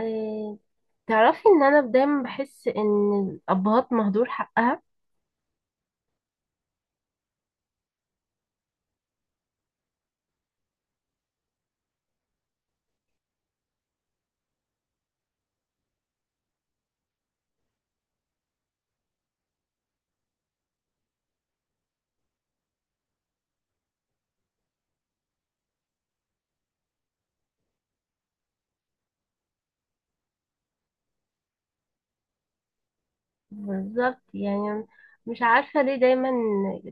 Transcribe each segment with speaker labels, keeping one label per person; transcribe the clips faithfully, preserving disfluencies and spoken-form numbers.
Speaker 1: آه، تعرفي ان انا دايما بحس ان الابهات مهدور حقها. بالظبط يعني، مش عارفه ليه دايما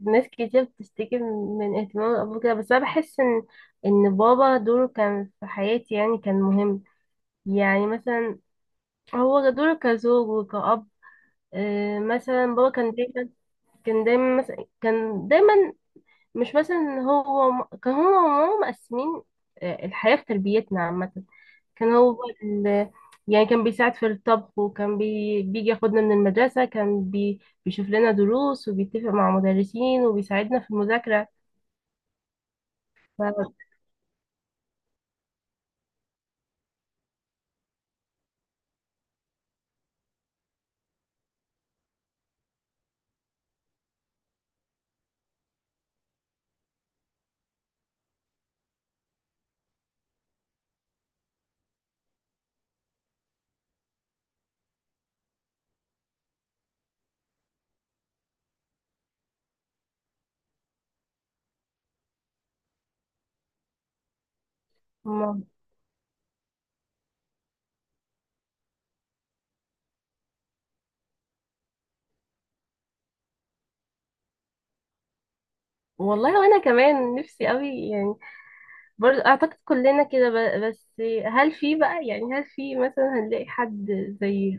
Speaker 1: ناس كتير بتشتكي من اهتمام الاب كده، بس انا بحس ان ان بابا دوره كان في حياتي، يعني كان مهم. يعني مثلا هو دوره كزوج وكأب. آه، مثلا بابا كان دايما كان دايما مثلا كان دايما، مش مثلا هو وم- كان هو وماما مقسمين. آه، الحياة في تربيتنا عامة. كان هو ال... يعني كان بيساعد في الطبخ، وكان بي... بيجي ياخدنا من المدرسة، كان بي... بيشوف لنا دروس، وبيتفق مع مدرسين، وبيساعدنا في المذاكرة. ف... م- والله وانا كمان نفسي قوي يعني. برضه اعتقد كلنا كده، ب... بس هل في بقى يعني هل في مثلا هنلاقي حد زي.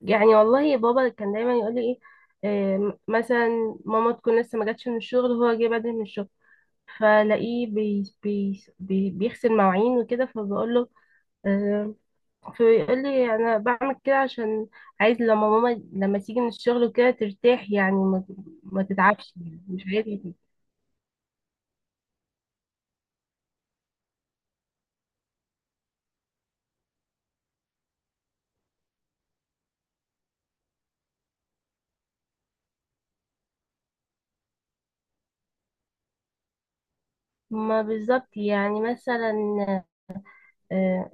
Speaker 1: يعني والله بابا كان دايما يقول لي ايه. آه، م- مثلا ماما تكون لسه ما جاتش من الشغل، وهو جه بدري من الشغل، فلاقيه بي... بي... بي... بيغسل مواعين وكده، فبقول له. آه، فيقول لي انا بعمل كده عشان عايز لما ماما لما تيجي من الشغل وكده ترتاح، يعني ما, ما تتعبش، يعني مش عايزه تتعب. ما بالظبط يعني مثلا. آه،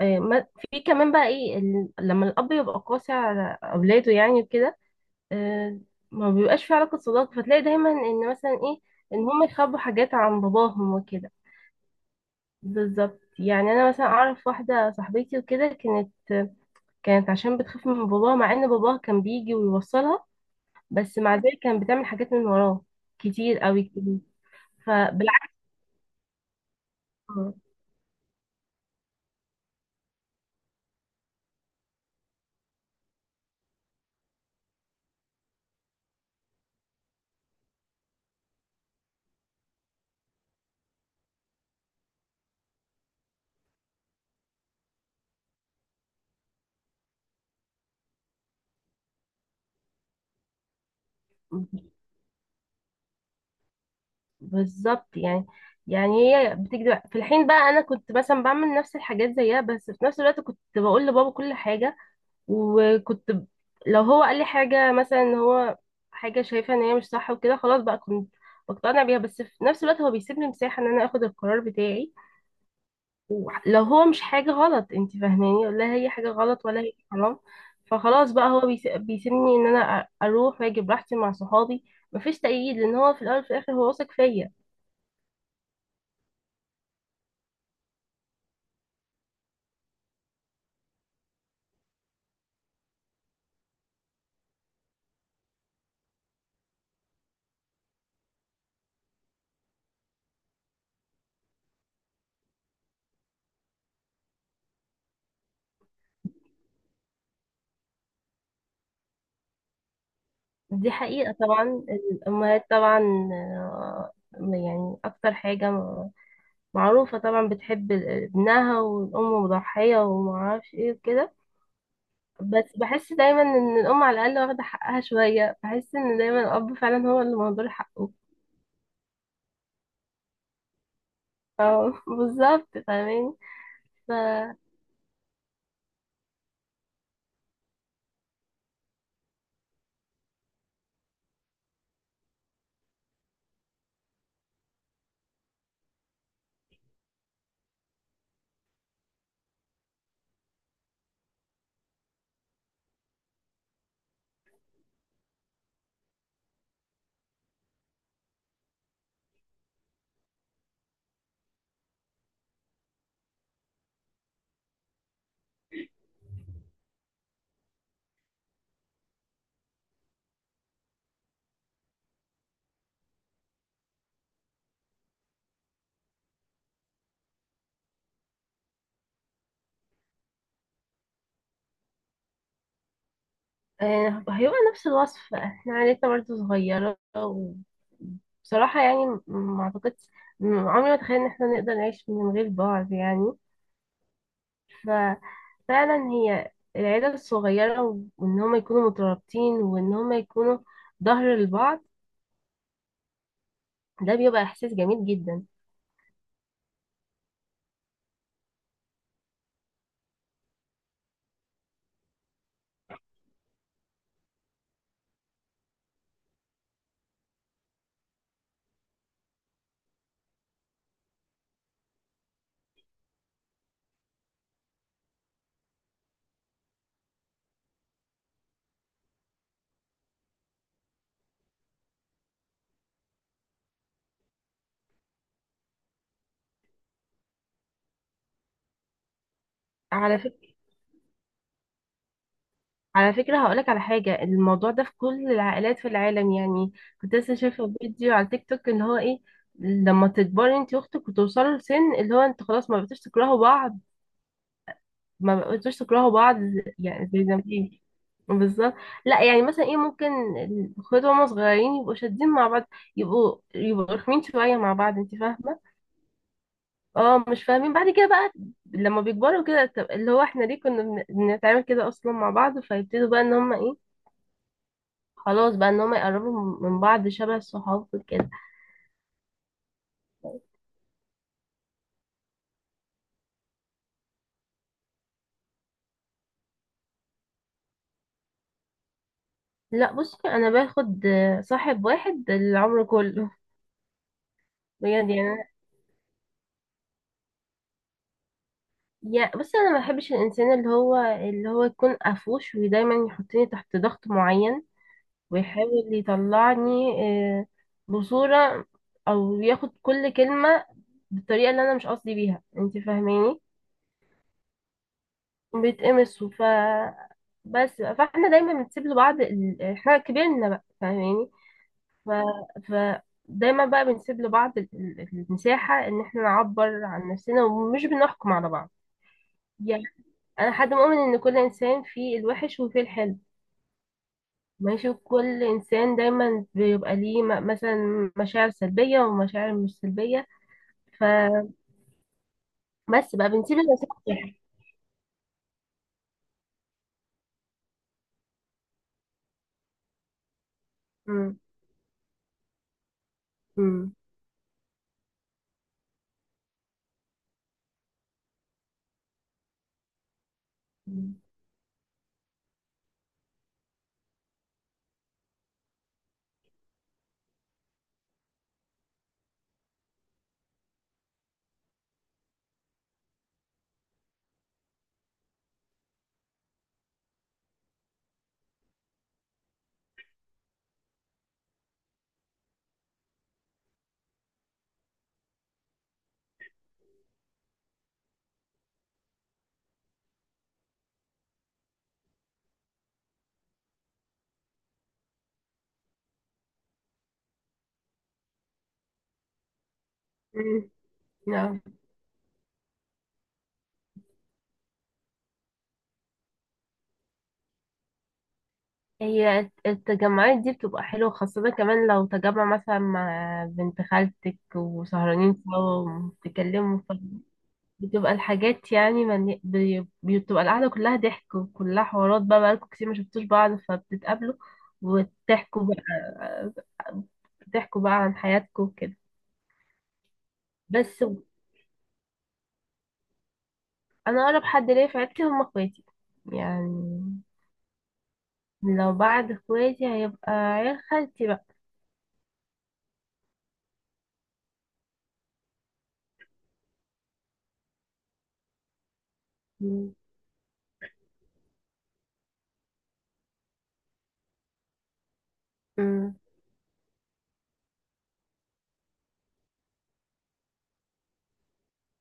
Speaker 1: آه، ما- في كمان بقى ايه، ال- لما الاب يبقى قاسي على اولاده يعني وكده. آه، ما بيبقاش في علاقه صداقه، فتلاقي دايما ان مثلا ايه، ان هم يخبوا حاجات عن باباهم وكده. بالظبط، يعني انا مثلا اعرف واحده صاحبتي وكده كانت كانت عشان بتخاف من باباها، مع ان باباها كان بيجي ويوصلها، بس مع ذلك كانت بتعمل حاجات من وراه كتير قوي كتير. فبالعكس، بالظبط يعني. يعني هي بتكذب في الحين، بقى انا كنت مثلا بعمل نفس الحاجات زيها، بس في نفس الوقت كنت بقول لبابا كل حاجه. وكنت ب- لو هو قال لي حاجه، مثلا ان هو حاجه شايفه ان هي مش صح وكده، خلاص بقى كنت بقتنع بيها، بس في نفس الوقت هو بيسيبني مساحه ان انا اخد القرار بتاعي. لو هو مش حاجة غلط، انت فاهماني، لا هي حاجة غلط ولا هي حرام. فخلاص بقى هو بيس- بيسيبني ان انا أ- اروح واجي براحتي مع صحابي. مفيش تأييد، لان هو في الاول وفي الاخر هو واثق فيا. دي حقيقة طبعا. الامهات طبعا. آه، يعني اكتر حاجة م- معروفة، طبعا بتحب ال- ابنها، والام مضحية ومعرفش ايه وكده. بس بحس دايما ان الام على الاقل واخدة حقها شوية، بحس ان دايما الاب فعلا هو اللي مهدور حقه. اه بالظبط فاهماني. ف آه، هيبقى نفس الوصف، احنا عيلتنا برضه صغيرة، وبصراحة يعني م- ما اعتقدش، م- عمري ما تخيل ان احنا نقدر نعيش من غير بعض يعني. ففعلا هي العيلة الصغيرة، و- وان هما يكونوا مترابطين، وان هما يكونوا ظهر لبعض. ده بيبقى احساس جميل جدا. على على فكرة هقولك على حاجة، الموضوع ده في كل العائلات في العالم يعني. كنت لسه شايفة فيديو على تيك توك ان هو ايه، لما تكبري انت واختك وتوصلوا لسن اللي هو انتوا خلاص ما بقيتوش تكرهوا بعض. ما بقيتوش تكرهوا بعض. يعني زي زمان. بالظبط. لا يعني مثلا ايه ممكن الاخوات وهما صغيرين يبقوا شادين مع بعض، يبقوا يبقوا رخمين شوية مع بعض، انت فاهمة. اه، مش فاهمين بعد كده بقى. لما بيكبروا كده طب اللي هو احنا ليه كنا بن- بنتعامل كده اصلا مع بعض، فيبتدوا بقى ان هما ايه، خلاص بقى ان هم يقربوا من بعض شبه الصحاب كده. لا بصي، انا باخد آه، صاحب واحد العمر كله. بجد يعني أنا- يا بصي انا ما بحبش الانسان اللي هو اللي هو يكون قفوش، ودايما يحطني تحت ضغط معين، ويحاول يطلعني آه، بصورة، او ياخد كل كلمة بالطريقة اللي انا مش قصدي بيها، انت فاهماني. بيتقمصوا. ف بس فاحنا دايما بنسيب لبعض، ال- احنا كبرنا بقى، فاهماني. ف... فدايما بقى بنسيب لبعض ال- ال- المساحة ان احنا نعبر عن نفسنا، ومش بنحكم على بعض يعني. انا حد مؤمن ان كل انسان فيه الوحش وفيه الحلو. ماشي، كل انسان دايما بيبقى ليه م- مثلا مشاعر سلبية ومشاعر مش سلبية. فبس بقى بنسيب المساحة للواحد. مم. مم. مم. مم. نعم. هي الت- التجمعات دي بتبقى حلوة، خاصة كمان لو تجمع مثلا مع بنت خالتك وسهرانين سوا وبتتكلموا، بتبقى الحاجات يعني من... بي- بتبقى القعدة كلها ضحك وكلها حوارات، بقى بقالكوا كتير ما شفتوش بعض، فبتتقابلوا وتحكوا بقى بتحكوا بقى عن حياتكم وكده. بس انا اقرب حد ليا في عيلتي هم اخواتي يعني. لو بعد اخواتي هيبقى عيال خالتي بقى. م- م-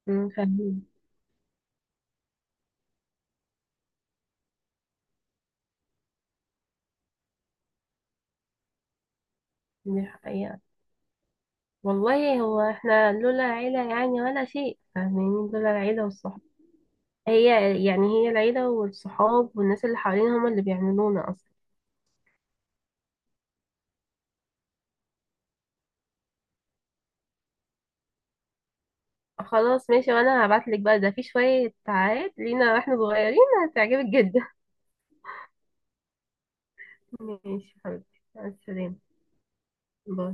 Speaker 1: م- فاهمين. دي حقيقة. والله هو احنا لولا العيلة يعني ولا شيء، فاهمين، لولا العيلة والصحاب. هي يعني هي العيلة والصحاب والناس اللي حوالينا هما اللي بيعملونا أصلا. خلاص ماشي، وأنا هبعتلك بقى ده في شوية ساعات لينا واحنا صغيرين، هتعجبك جدا. ماشي حبيبتي، مع السلامة. باي.